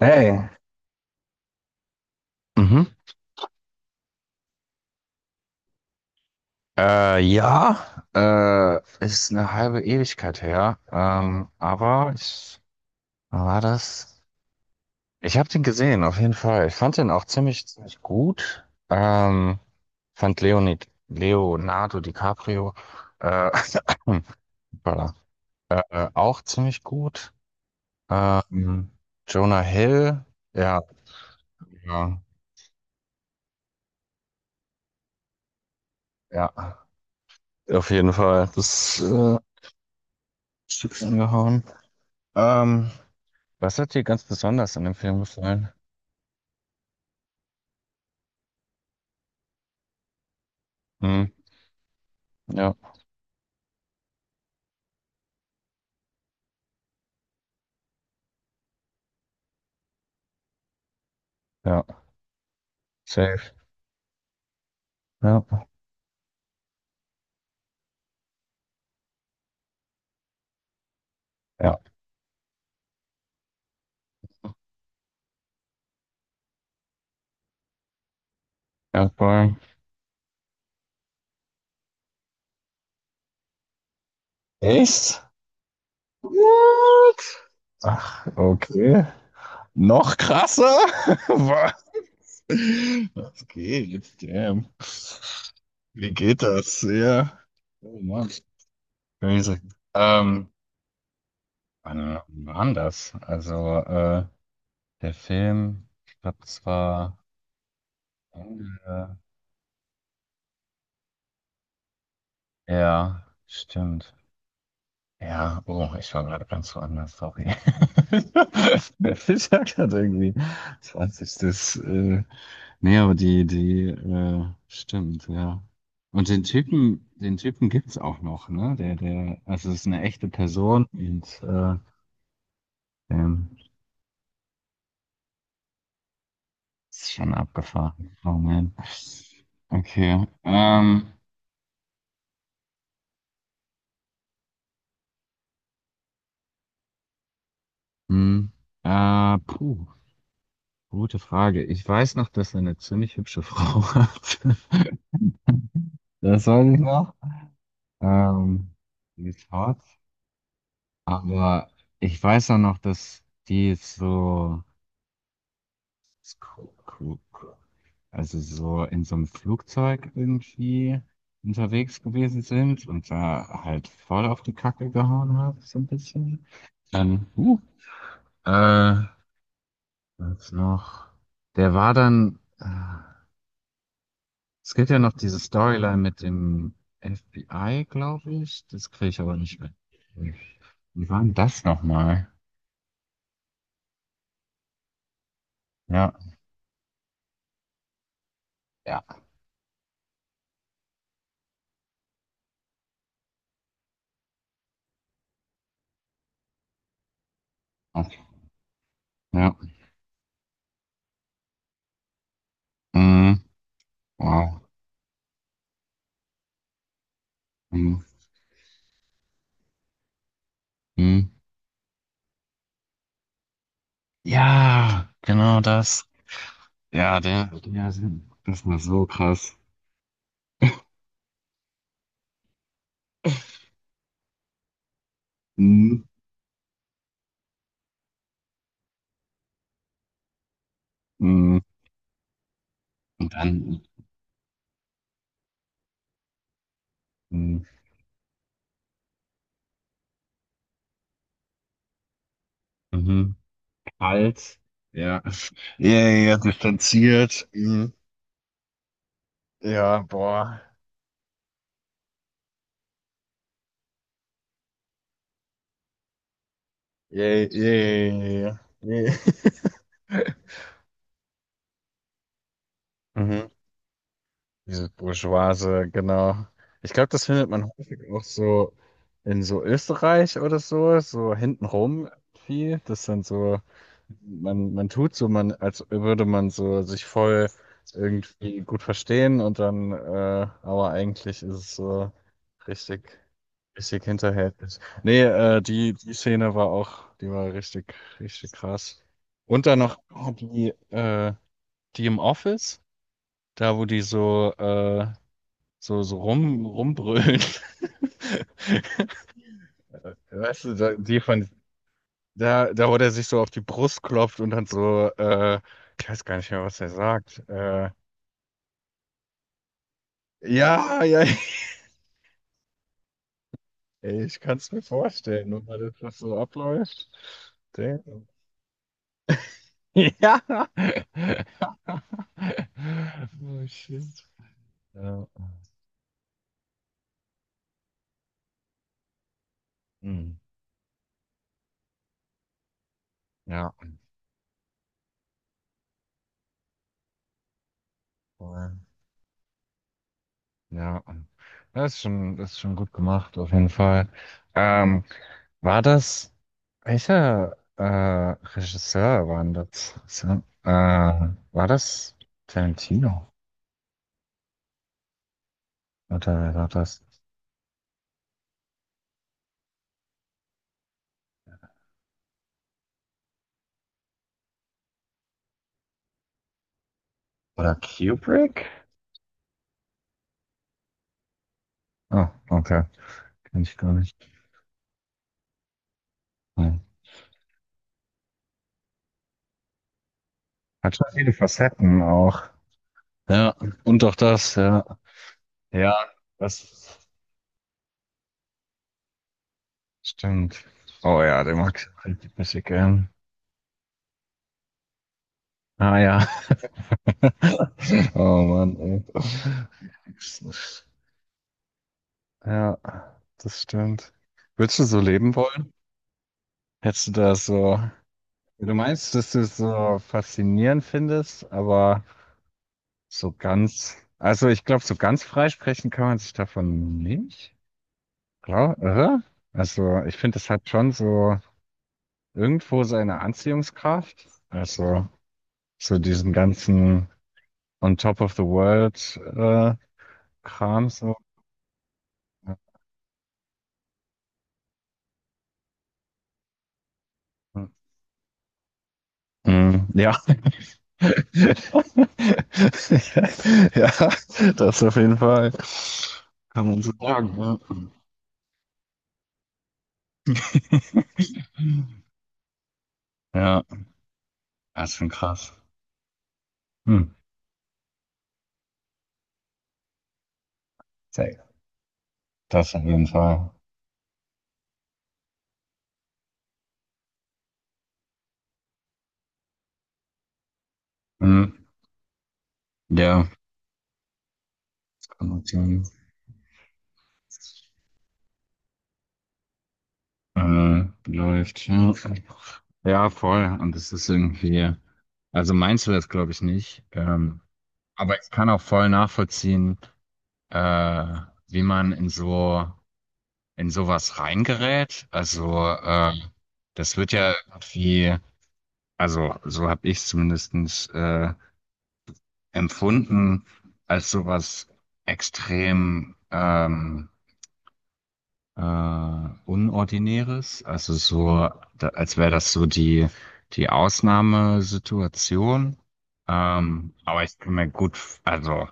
Hey, mhm. Ja, ist eine halbe Ewigkeit her, aber wann war das? Ich habe den gesehen, auf jeden Fall. Ich fand den auch ziemlich, ziemlich gut. Fand Leonardo DiCaprio, äh, voilà, auch ziemlich gut. Ähm, Jonah Hill, ja, ja, ja, auf jeden Fall, das Stück angehauen. Ähm, Was hat dir ganz besonders an dem Film gefallen? Hm, ja, ja, safe. Ja, ja, Erdbeeren. Echt? What? Ach, okay. Noch krasser? Was? Was geht? Damn. Wie geht das? Ja. Oh Mann. Crazy. Ähm, wann war denn das? Also, der Film, ich glaube, das war Ende. Ja, stimmt. Ja, oh, ich war gerade ganz woanders, sorry. Ich war gerade irgendwie 20. Nee, aber die, stimmt, ja. Und den Typen, gibt's auch noch, ne? Der, also es ist eine echte Person und ähm, ist schon abgefahren. Oh man. Okay. Hm, puh, gute Frage. Ich weiß noch, dass er eine ziemlich hübsche Frau hat. Das weiß ich noch. Ähm, die ist hart. Aber ich weiß auch noch, dass die so, also so in so einem Flugzeug irgendwie unterwegs gewesen sind und da halt voll auf die Kacke gehauen hat, so ein bisschen. Dann, äh, was noch? Der war dann, es gibt ja noch diese Storyline mit dem FBI, glaube ich. Das kriege ich aber nicht mit. Wie war denn das nochmal? Ja. Ja. Okay. Ja. Mhm. Wow. Mhm. Mhm. Ja, genau das. Ja, der, das war so krass. Mhm. Mhm. Und dann mhm. Mhm. Kalt. Ja. Yay, ja, distanziert. Mhm. Ja, boah. Yay, yay, yay. Yay. Mhm. Dieses Bourgeoise, genau. Ich glaube, das findet man häufig auch so in so Österreich oder so, so hintenrum viel. Das sind so, man tut so, man, als würde man so sich voll irgendwie gut verstehen und dann, aber eigentlich ist es so richtig, richtig hinterhältig. Nee, die Szene war auch, die war richtig, richtig krass. Und dann noch die im Office, da wo die so, so, so rumbrüllen. Weißt du, da, die von, da, wo der sich so auf die Brust klopft und dann so, ich weiß gar nicht mehr, was er sagt. Ja, ja, ey, ich kann es mir vorstellen, und wenn das was so abläuft. Damn. Ja. Oh, shit. Ja. Hm. Ja. Voll. Ja. Das ist schon gut gemacht, auf jeden Fall. Ähm, War das, welcher Regisseur war denn das? So, war das Tarantino? Oder wer war das? Oder Kubrick? Ah, okay. Kenn ich gar nicht. Hm. Hat schon viele Facetten auch. Ja, und auch das, ja. Ja, das stimmt. Oh ja, den mag ich richtig bisschen gern. Ah ja. Oh Mann, ey. Ja, das stimmt. Würdest du so leben wollen? Hättest du da so, du meinst, dass du es so faszinierend findest, aber so ganz, also ich glaube, so ganz freisprechen kann man sich davon nicht. Klar, oder? Also ich finde, es hat schon so irgendwo seine Anziehungskraft. Also so diesen ganzen on top of the world Kram so. Hm, ja. Ja, das auf jeden Fall. Kann man so sagen. Ja. Ja, das ist schon krass. Hm. Sehr- Das auf jeden Fall. Hm. Ja, Konnotation läuft. Ja. Ja, voll. Und das ist irgendwie, also meinst du das, glaube ich, nicht. Aber ich kann auch voll nachvollziehen, äh, wie man in sowas reingerät. Also, das wird ja irgendwie, also so habe ich es zumindest äh, empfunden als sowas extrem äh, Unordinäres. Also so, da, als wäre das so die Ausnahmesituation. Aber ich kann mir gut, also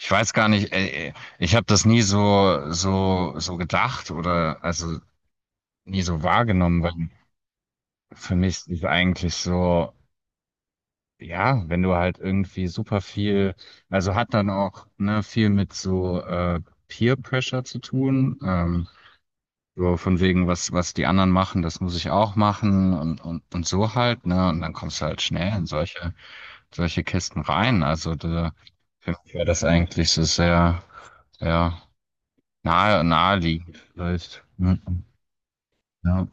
ich weiß gar nicht, ich habe das nie so gedacht oder also nie so wahrgenommen, weil für mich ist eigentlich so. Ja, wenn du halt irgendwie super viel, also hat dann auch ne, viel mit so Peer Pressure zu tun. So von wegen, was die anderen machen, das muss ich auch machen und so halt, ne? Und dann kommst du halt schnell in solche Kisten rein. Also da, für mich wäre das eigentlich so sehr, sehr naheliegend vielleicht. Ja, ja,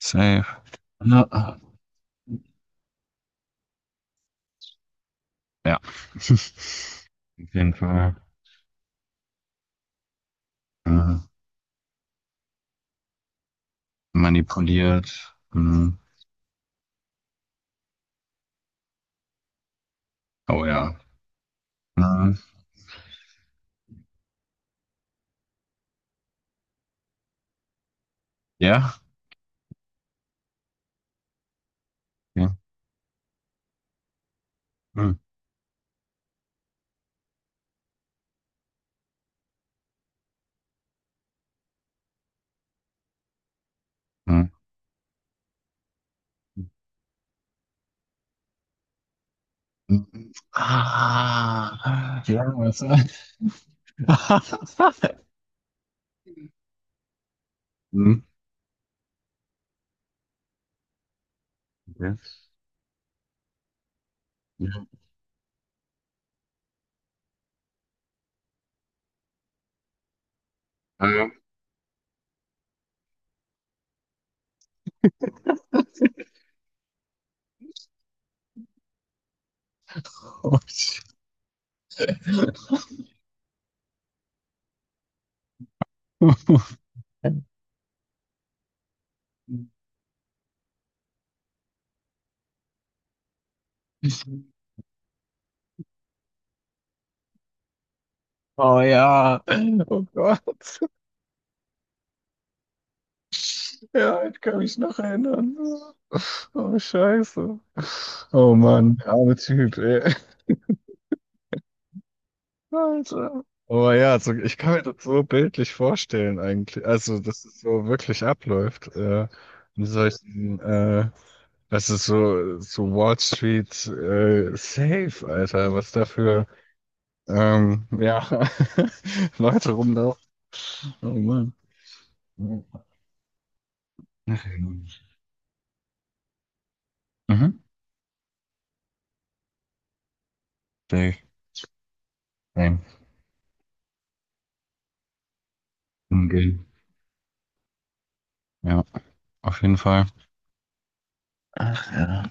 safe. Ja, ja. Auf jeden Fall. Manipuliert. Mhm. Oh ja. Mhm. Ja? Okay. Mhm. Mhm. Mhm. Ah, ja, was? Mhm. Okay. Ja. Ähm, Oh, oh ja, oh Gott, ja, ich kann mich noch erinnern. Oh Scheiße. Oh Mann, der arme Typ, ey. Alter. Aber ja, also ich kann mir das so bildlich vorstellen eigentlich. Also, dass es so wirklich abläuft. In solchen, das ist so, so Wall Street safe, Alter. Was da für ja, Leute rumlaufen. Oh Mann. Mhm. Safe. Safe. Im Ja, auf jeden Fall. Ach ja.